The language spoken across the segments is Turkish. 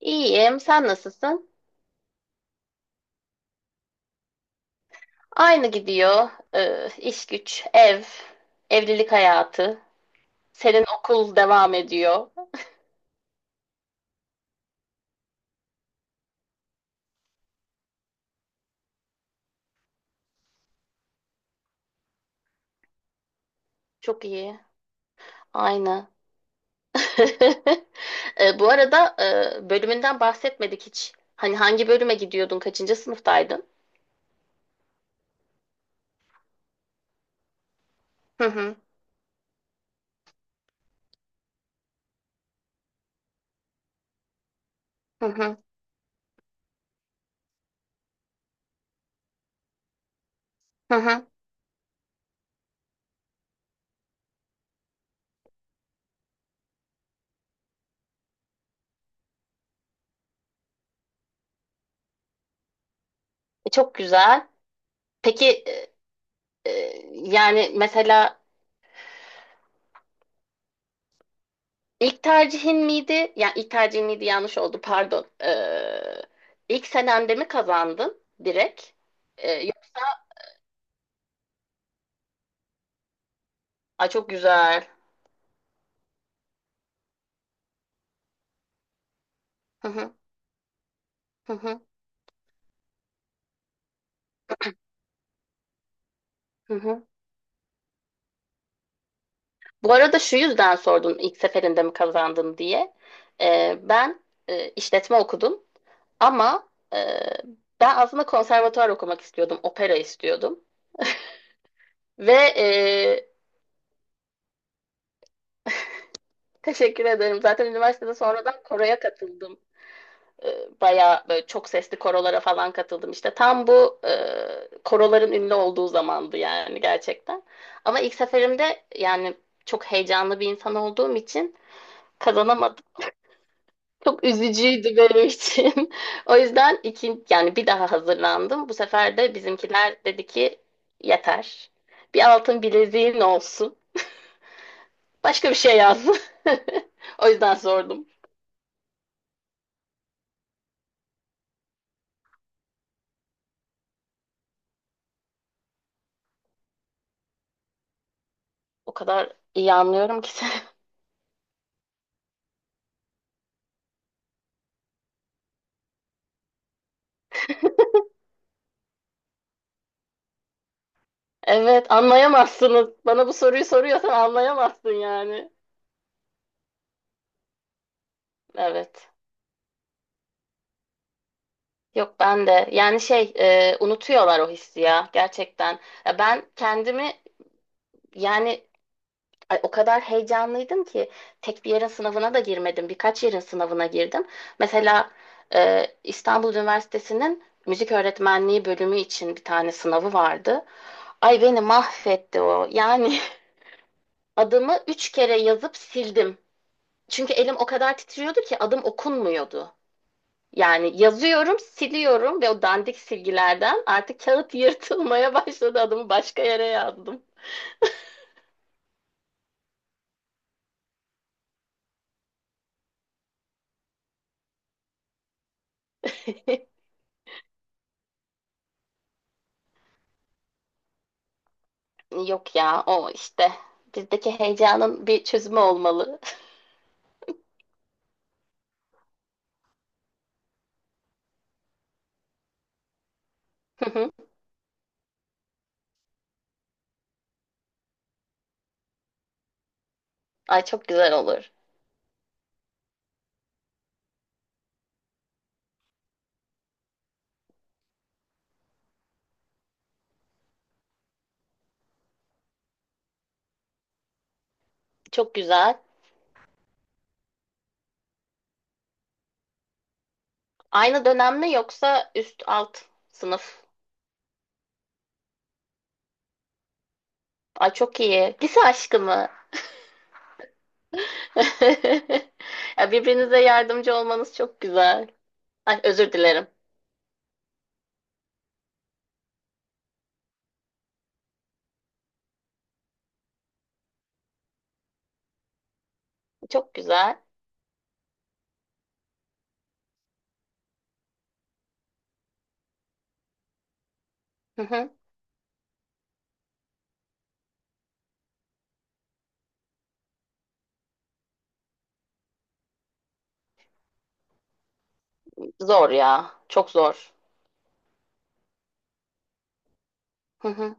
İyiyim. Sen nasılsın? Aynı gidiyor. İş güç, ev, evlilik hayatı. Senin okul devam ediyor. Çok iyi. Aynı. Bu arada bölümünden bahsetmedik hiç. Hani hangi bölüme gidiyordun? Kaçıncı sınıftaydın? Hı hı. Hı hı. Hı hı. Çok güzel. Peki e, yani mesela İlk tercihin miydi? Yani ilk tercihin miydi, yanlış oldu, pardon. İlk senemde mi kazandın direkt? Yoksa ay, çok güzel. Hı hı, hı hı, hı hı. Bu arada şu yüzden sordum ilk seferinde mi kazandın diye. Ben işletme okudum ama ben aslında konservatuvar okumak istiyordum, opera istiyordum. Ve e, teşekkür ederim. Zaten üniversitede sonradan koroya katıldım. Bayağı böyle çok sesli korolara falan katıldım. İşte tam bu koroların ünlü olduğu zamandı yani gerçekten. Ama ilk seferimde, yani çok heyecanlı bir insan olduğum için kazanamadım. Çok üzücüydü benim için. O yüzden iki, yani bir daha hazırlandım. Bu sefer de bizimkiler dedi ki yeter. Bir altın bileziğin olsun. Başka bir şey yaz. O yüzden sordum. O kadar iyi anlıyorum ki seni. Evet, anlayamazsınız. Bana bu soruyu soruyorsan anlayamazsın yani. Evet. Yok ben de. Yani şey, unutuyorlar o hissi ya gerçekten. Ya ben kendimi yani ay, o kadar heyecanlıydım ki tek bir yerin sınavına da girmedim. Birkaç yerin sınavına girdim. Mesela İstanbul Üniversitesi'nin müzik öğretmenliği bölümü için bir tane sınavı vardı. Ay beni mahvetti o. Yani adımı üç kere yazıp sildim. Çünkü elim o kadar titriyordu ki adım okunmuyordu. Yani yazıyorum, siliyorum ve o dandik silgilerden artık kağıt yırtılmaya başladı. Adımı başka yere yazdım. Yok ya, o işte bizdeki heyecanın bir çözümü olmalı. Hı hı. Ay çok güzel olur. Çok güzel. Aynı dönem mi yoksa üst alt sınıf? Ay çok iyi. Lise aşkı mı? Ya birbirinize yardımcı olmanız çok güzel. Ay özür dilerim. Çok güzel. Hı hı. Zor ya. Çok zor. Hı hı.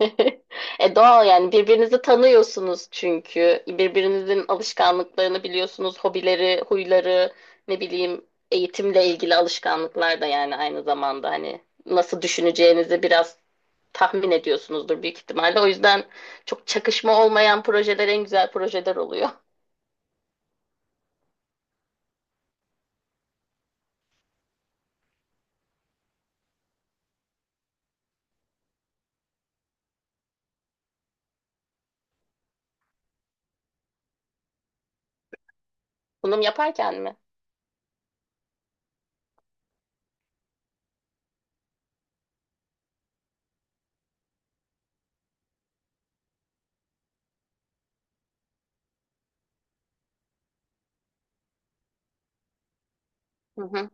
E doğal yani birbirinizi tanıyorsunuz çünkü. Birbirinizin alışkanlıklarını biliyorsunuz. Hobileri, huyları, ne bileyim, eğitimle ilgili alışkanlıklar da yani aynı zamanda hani nasıl düşüneceğinizi biraz tahmin ediyorsunuzdur büyük ihtimalle. O yüzden çok çakışma olmayan projeler en güzel projeler oluyor. Sunum yaparken mi? Hı hı.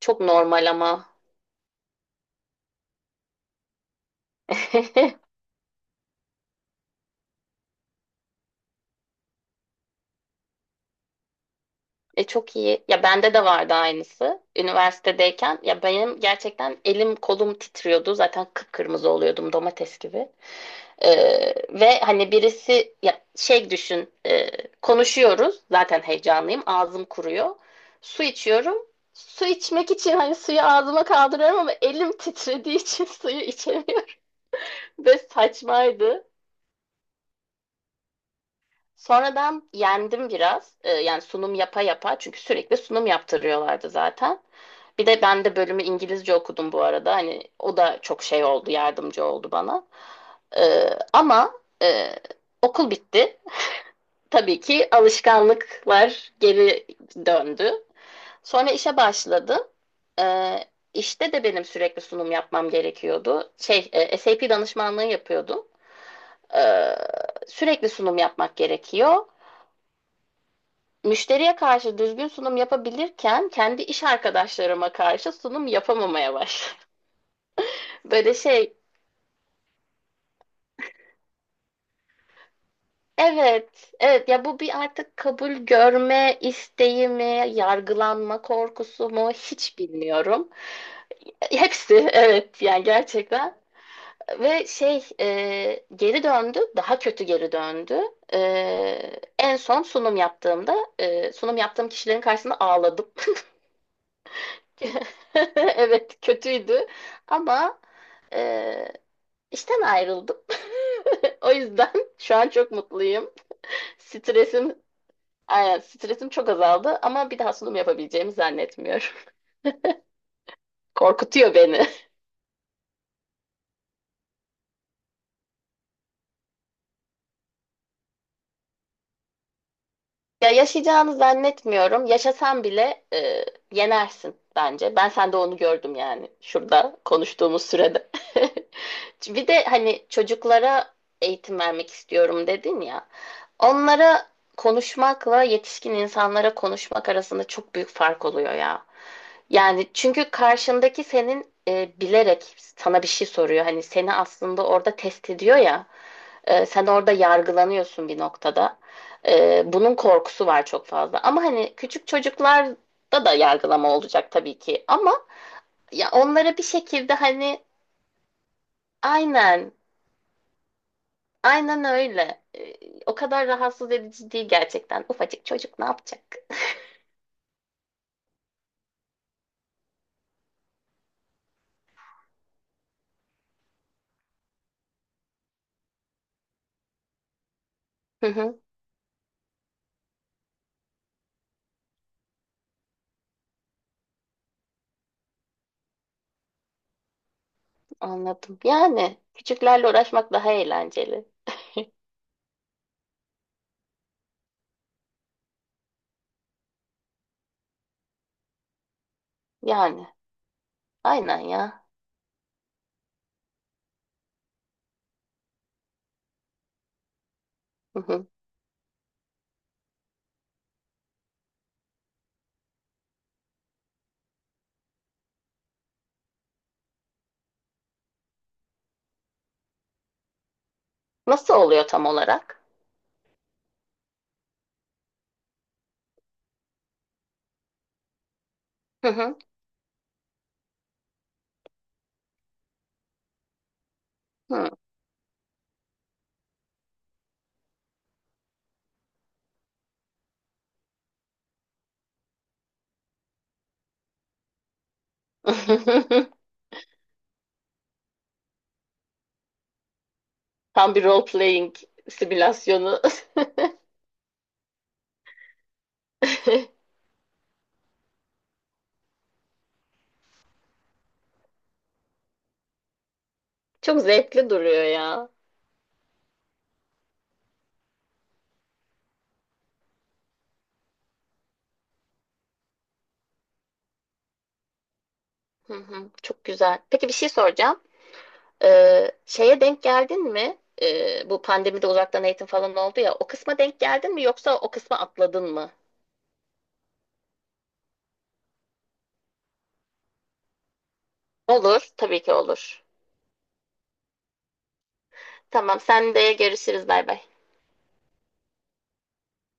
Çok normal ama. E çok iyi. Ya bende de vardı aynısı. Üniversitedeyken ya benim gerçekten elim kolum titriyordu. Zaten kıpkırmızı oluyordum domates gibi. Ee, Ve hani birisi ya şey düşün, konuşuyoruz. Zaten heyecanlıyım. Ağzım kuruyor. Su içiyorum. Su içmek için hani suyu ağzıma kaldırıyorum ama elim titrediği için suyu içemiyorum. Ve saçmaydı. Sonra ben yendim biraz. Yani sunum yapa yapa çünkü sürekli sunum yaptırıyorlardı zaten. Bir de ben de bölümü İngilizce okudum bu arada. Hani o da çok şey oldu, yardımcı oldu bana. Ama e, okul bitti. Tabii ki alışkanlıklar geri döndü. Sonra işe başladım. Ee, işte de benim sürekli sunum yapmam gerekiyordu. Şey, SAP danışmanlığı yapıyordum. Ee, Sürekli sunum yapmak gerekiyor. Müşteriye karşı düzgün sunum yapabilirken kendi iş arkadaşlarıma karşı sunum yapamamaya başladım. Böyle şey, evet, evet ya bu bir artık kabul görme isteği mi, yargılanma korkusu mu hiç bilmiyorum. Hepsi evet yani gerçekten. Ve şey geri döndü, daha kötü geri döndü. E, en son sunum yaptığımda sunum yaptığım kişilerin karşısında ağladım. Evet kötüydü ama e, işten ayrıldım. O yüzden şu an çok mutluyum. Stresim, aynen, stresim çok azaldı ama bir daha sunum yapabileceğimi zannetmiyorum. Korkutuyor beni. Ya yaşayacağını zannetmiyorum. Yaşasan bile yenersin bence. Ben sende onu gördüm yani şurada konuştuğumuz sürede. Bir de hani çocuklara eğitim vermek istiyorum dedin ya. Onlara konuşmakla yetişkin insanlara konuşmak arasında çok büyük fark oluyor ya. Yani çünkü karşındaki senin bilerek sana bir şey soruyor. Hani seni aslında orada test ediyor ya. E, sen orada yargılanıyorsun bir noktada. E, bunun korkusu var çok fazla. Ama hani küçük çocuklarda da yargılama olacak tabii ki. Ama ya onlara bir şekilde hani aynen. Aynen öyle. O kadar rahatsız edici değil gerçekten. Ufacık çocuk ne yapacak? Hı hı, anladım. Yani küçüklerle uğraşmak daha eğlenceli. Yani aynen ya. Hı hı. Nasıl oluyor tam olarak? Hı hı. Hı. Tam bir role playing simülasyonu. Çok zevkli duruyor ya. Hı hı, çok güzel. Peki bir şey soracağım. Şeye denk geldin mi? Bu pandemide uzaktan eğitim falan oldu ya. O kısma denk geldin mi yoksa o kısma atladın mı? Olur, tabii ki olur. Tamam, sen de görüşürüz. Bay bay.